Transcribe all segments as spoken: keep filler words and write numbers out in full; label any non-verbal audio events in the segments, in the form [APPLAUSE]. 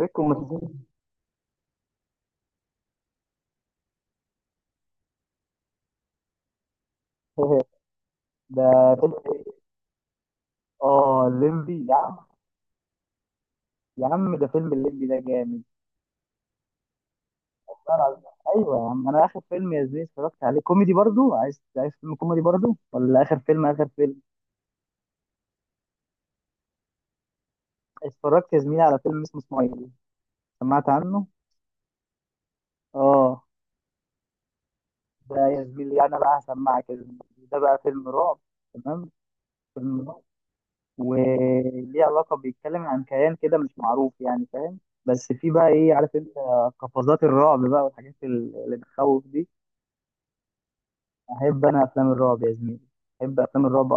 ريكو ما تزهقش. [LAUGHS] ده فيلم إيه؟ اه الليمبي يا عم. يا عم ده فيلم الليمبي ده جامد والله العظيم. ايوه يا عم، انا اخر فيلم يا زميلي اتفرجت عليه كوميدي برضو. عايز عايز فيلم كوميدي برضو، ولا اخر فيلم اخر فيلم اتفرجت يا زميلي على فيلم اسمه سمايل. سمعت عنه؟ اه، ده يا زميلي انا بقى هسمعك يا زميلي. ده بقى فيلم رعب، تمام؟ فيلم رعب وليه علاقه، بيتكلم عن كيان كده مش معروف، يعني فاهم؟ بس في بقى ايه، عارف انت؟ قفزات الرعب بقى والحاجات اللي بتخوف دي. احب انا افلام الرعب يا زميلي، احب افلام الرعب.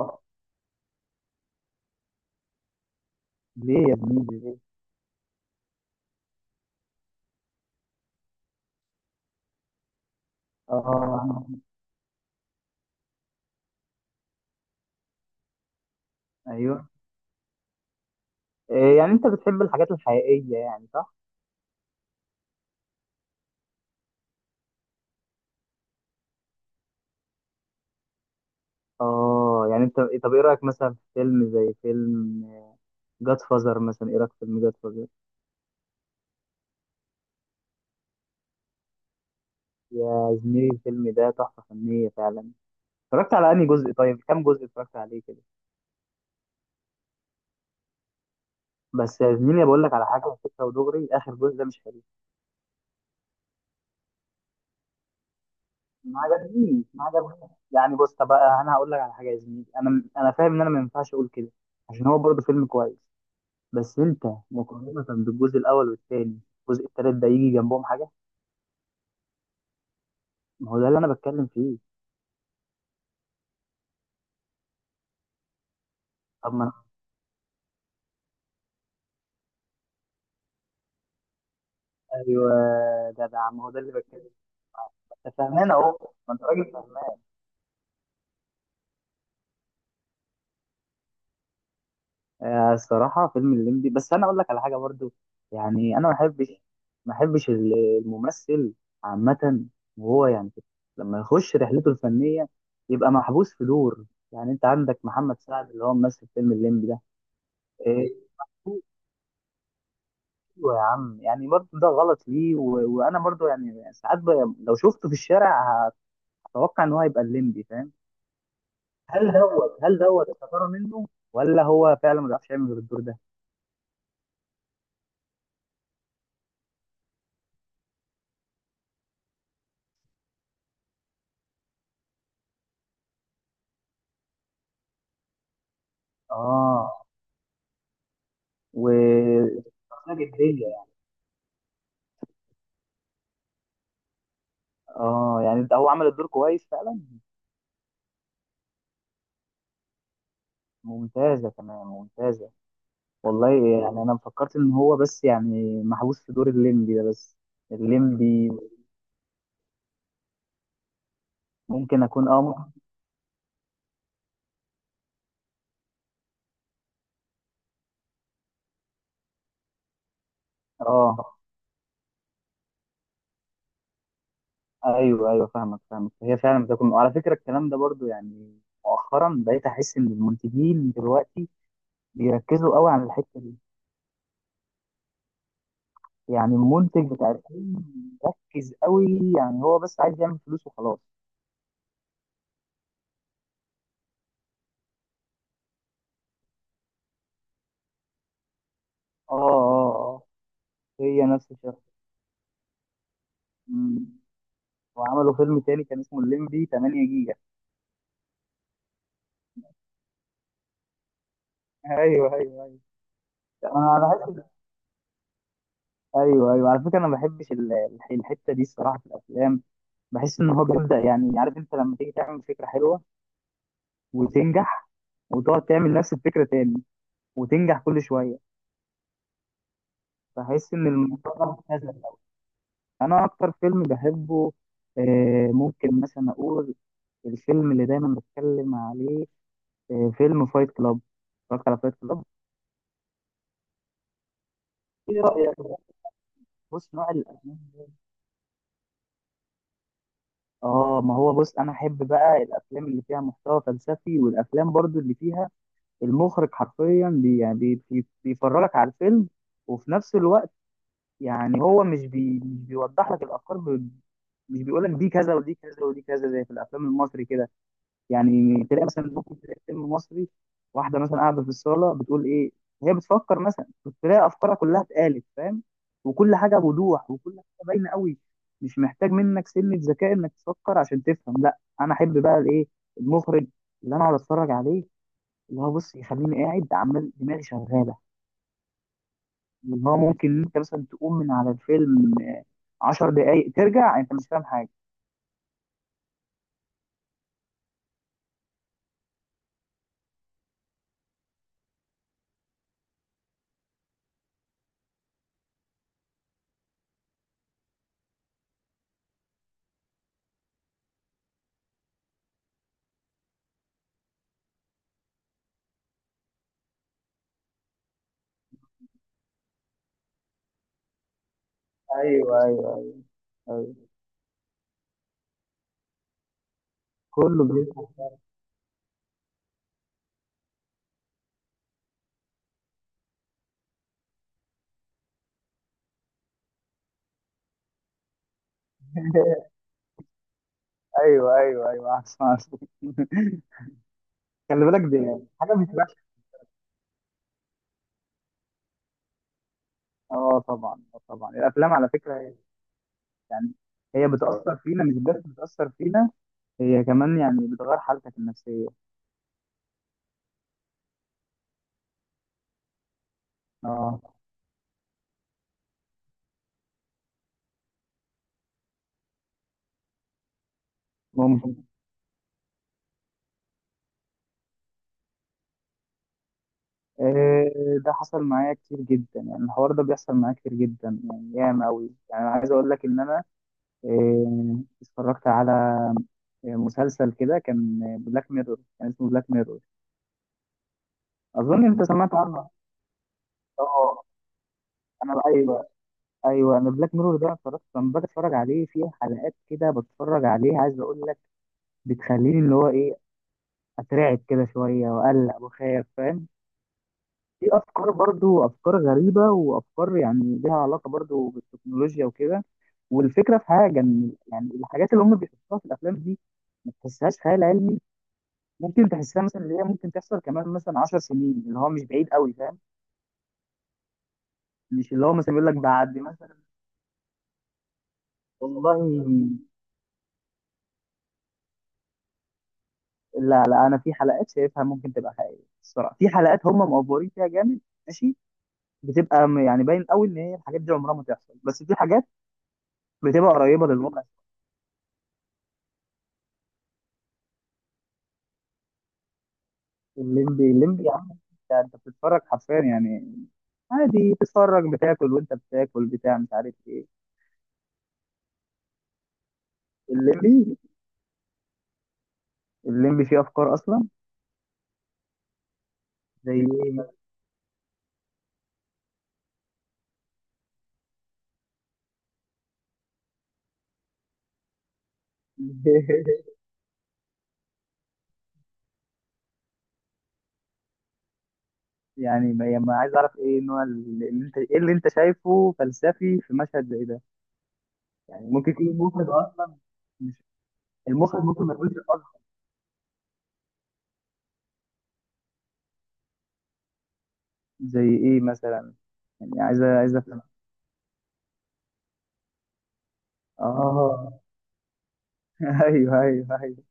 ليه يا زميلي ليه؟ اه، ايوه. إيه، يعني انت بتحب الحاجات الحقيقيه يعني، صح؟ اه يعني انت، طب ايه رايك مثلا في فيلم زي فيلم جاد فازر مثلا؟ ايه رايك في فيلم جاد فازر؟ يا زميلي الفيلم ده تحفه فنيه فعلا. اتفرجت على انهي جزء؟ طيب كام جزء اتفرجت عليه كده؟ بس يا زميلي بقول لك على حاجه، فكره ودغري اخر جزء ده مش حلو. ما عجبنيش ما عجبنيش يعني. بص، طب انا هقول لك على حاجه يا زميلي، انا انا فاهم ان انا ما ينفعش اقول كده عشان هو برضه فيلم كويس. بس انت، مقارنه بالجزء الاول والثاني، الجزء الثالث ده يجي جنبهم حاجه. ما هو ده اللي انا بتكلم فيه. طب ما انا- ايوه جدع، ما هو ده اللي بتكلم فيه. انت فاهمان اهو، ما انت راجل فاهمان. آه، الصراحة فيلم الليمبي، بس أنا أقول لك على حاجة برضو. يعني أنا ما بحبش ما بحبش ال- الممثل عامة، وهو يعني لما يخش رحلته الفنية يبقى محبوس في دور. يعني أنت عندك محمد سعد اللي هو ممثل فيلم الليمبي ده. إيه، أيوة يا عم، يعني برضو ده غلط ليه؟ و... وأنا برضو يعني ساعات ب... لو شفته في الشارع هتوقع إن هو هيبقى الليمبي، فاهم؟ هل دوت هل دوت استثارة منه، ولا هو فعلا ما بيعرفش يعمل غير الدور ده؟ آه. و، اه يعني ده هو عمل الدور كويس فعلا. ممتازة كمان ممتازة، والله. يعني انا فكرت ان هو بس يعني محبوس في دور الليمبي ده بس. الليمبي. ممكن اكون، اه ممكن. اه، ايوه ايوه، فاهمك فاهمك. هي فعلا بتكون، وعلى فكرة الكلام ده برضو، يعني مؤخرا بقيت احس ان المنتجين دلوقتي بيركزوا قوي على الحتة دي. يعني المنتج بتاع الفيلم مركز قوي، يعني هو بس عايز يعمل فلوس وخلاص. اه اه اه. هي نفس الشخص، وعملوا فيلم تاني كان اسمه الليمبي 8 جيجا. ايوه ايوه ايوه، انا بحس. ايوه ايوه، على فكره انا ما بحبش ال- الح- الحته دي الصراحه في الافلام. بحس ان هو بيبدا يعني، عارف انت لما تيجي تعمل فكره حلوه وتنجح، وتقعد تعمل نفس الفكره تاني وتنجح كل شويه. بحس ان الموضوع ده مبتذل. انا اكتر فيلم بحبه، آه، ممكن مثلا اقول الفيلم اللي دايما بتكلم عليه، آه، فيلم فايت كلاب. اتفرجت على فايت كلاب؟ ايه رايك؟ بص، نوع الافلام. اه، ما هو بص، انا احب بقى الافلام اللي فيها محتوى فلسفي، والافلام برضو اللي فيها المخرج حرفيا بي يعني بي بي بيفرجك على الفيلم، وفي نفس الوقت يعني هو مش بي مش بيوضح لك الافكار، ب- مش بيقول لك دي كذا ودي كذا ودي كذا، زي في الافلام المصري كده. يعني تلاقي مثلا، ممكن تلاقي فيلم مصري، واحده مثلا قاعده في الصاله بتقول ايه هي بتفكر مثلا، بتلاقي افكارها كلها اتقالت، فاهم؟ وكل حاجه بوضوح وكل حاجه باينه قوي، مش محتاج منك سنه ذكاء انك تفكر عشان تفهم. لا، انا احب بقى الايه، المخرج، اللي انا اقعد اتفرج عليه، اللي هو، بص، يخليني قاعد عمال دماغي شغاله، اللي هو ممكن انت مثلا تقوم من على الفيلم عشر دقايق ترجع انت مش فاهم حاجه. ايوه ايوه، كله بيفتح. ايوه ايوه ايوه، عارف عارف. [LAUGHS] خلي بالك، دي حاجه بتبقى. اه طبعا، اه طبعا الافلام على فكره هي- يعني هي بتاثر فينا، مش بس بتاثر فينا، هي كمان يعني بتغير حالتك النفسيه. اه، ممكن. آه، ده حصل معايا كتير جدا، يعني الحوار ده بيحصل معايا كتير جدا يعني، ياما قوي. يعني انا عايز اقول لك ان انا، آه، اتفرجت على مسلسل كده كان بلاك ميرور، كان اسمه بلاك ميرور. اظن انت سمعت عنه. اه. انا بقى، ايوه انا بلاك ميرور ده اتفرجت، لما باجي اتفرج عليه في حلقات كده بتفرج عليه، عايز اقول لك بتخليني اللي هو ايه، اترعب كده شويه واقلق وخايف، فاهم؟ في افكار برضو، افكار غريبه وافكار يعني ليها علاقه برضو بالتكنولوجيا وكده، والفكره في حاجه ان يعني الحاجات اللي هم بيحطوها في الافلام دي ما تحسهاش خيال علمي. ممكن تحسها مثلا اللي هي ممكن تحصل كمان مثلا 10 سنين، اللي هو مش بعيد قوي، فاهم؟ مش اللي هو مثلا يقول لك بعد مثلا. والله، لا لا، انا في حلقات شايفها ممكن تبقى حقيقيه الصراحه، في حلقات هم مأفورين فيها جامد. ماشي. بتبقى م- يعني باين قوي ان هي الحاجات دي عمرها ما تحصل، بس في حاجات بتبقى قريبه للواقع. الليمبي، الليمبي يا عم. انت أنت بتتفرج حرفيا يعني، عادي بتتفرج، بتاكل وانت بتاكل بتاع مش عارف ايه. الليمبي، الليمبي فيه افكار اصلا. زي ايه؟ [LAUGHS] يعني ما ما عايز اعرف ايه نوع اللي اللي انت، ايه اللي انت شايفه فلسفي في مشهد زي ده؟ يعني ممكن يكون المخرج اصلا مش، المخرج ممكن ما يكونش قصده. زي ايه مثلا؟ يعني عايز عايز افهم. اه. [LAUGHS] ايوه ايوه ايوه.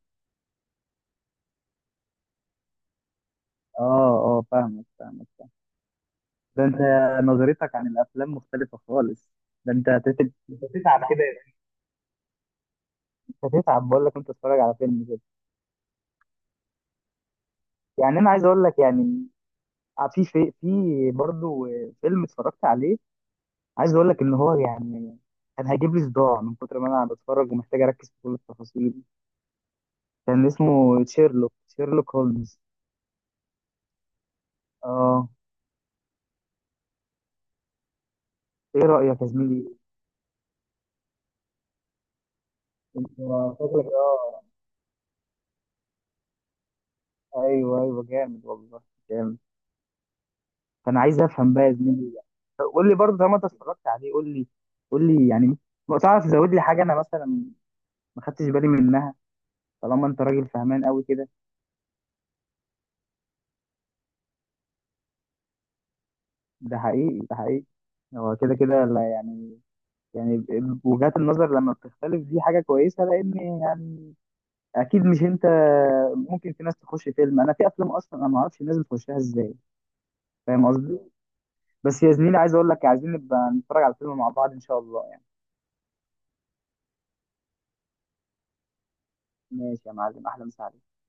اه اه، فاهمك فاهمك فاهمك. ده انت نظرتك عن الافلام مختلفه خالص. ده انت هتت- انت هتتعب كده. انت هتتعب، بقول لك انت تتفرج على فيلم كده يعني. انا عايز اقول لك يعني، آه، في في في برضه فيلم اتفرجت عليه، عايز اقول لك ان هو يعني كان هيجيب لي صداع من كتر ما انا بتفرج ومحتاج اركز في كل التفاصيل. كان اسمه شيرلوك، شيرلوك هولمز. اه، ايه رايك يا زميلي؟ انت شكلك اه، ايوه ايوه، جامد والله جامد. فانا عايز افهم بقى يا زميلي، قول لي برضه، طالما انت اتفرجت عليه قول لي. قول لي يعني لو تعرف تزود لي حاجه انا مثلا ما خدتش بالي منها، طالما انت راجل فهمان قوي كده. ده حقيقي ده حقيقي. هو كده كده، لا يعني، يعني وجهات النظر لما بتختلف دي حاجه كويسه لان يعني، اكيد مش انت. ممكن في ناس تخش فيلم، انا في افلام اصلا انا ما اعرفش الناس بتخشها ازاي، فاهم قصدي؟ بس يا زميلي عايز اقول لك، عايزين نبقى نتفرج على الفيلم مع بعض ان شاء الله يعني. ماشي يا معلم، احلى مسا عليك.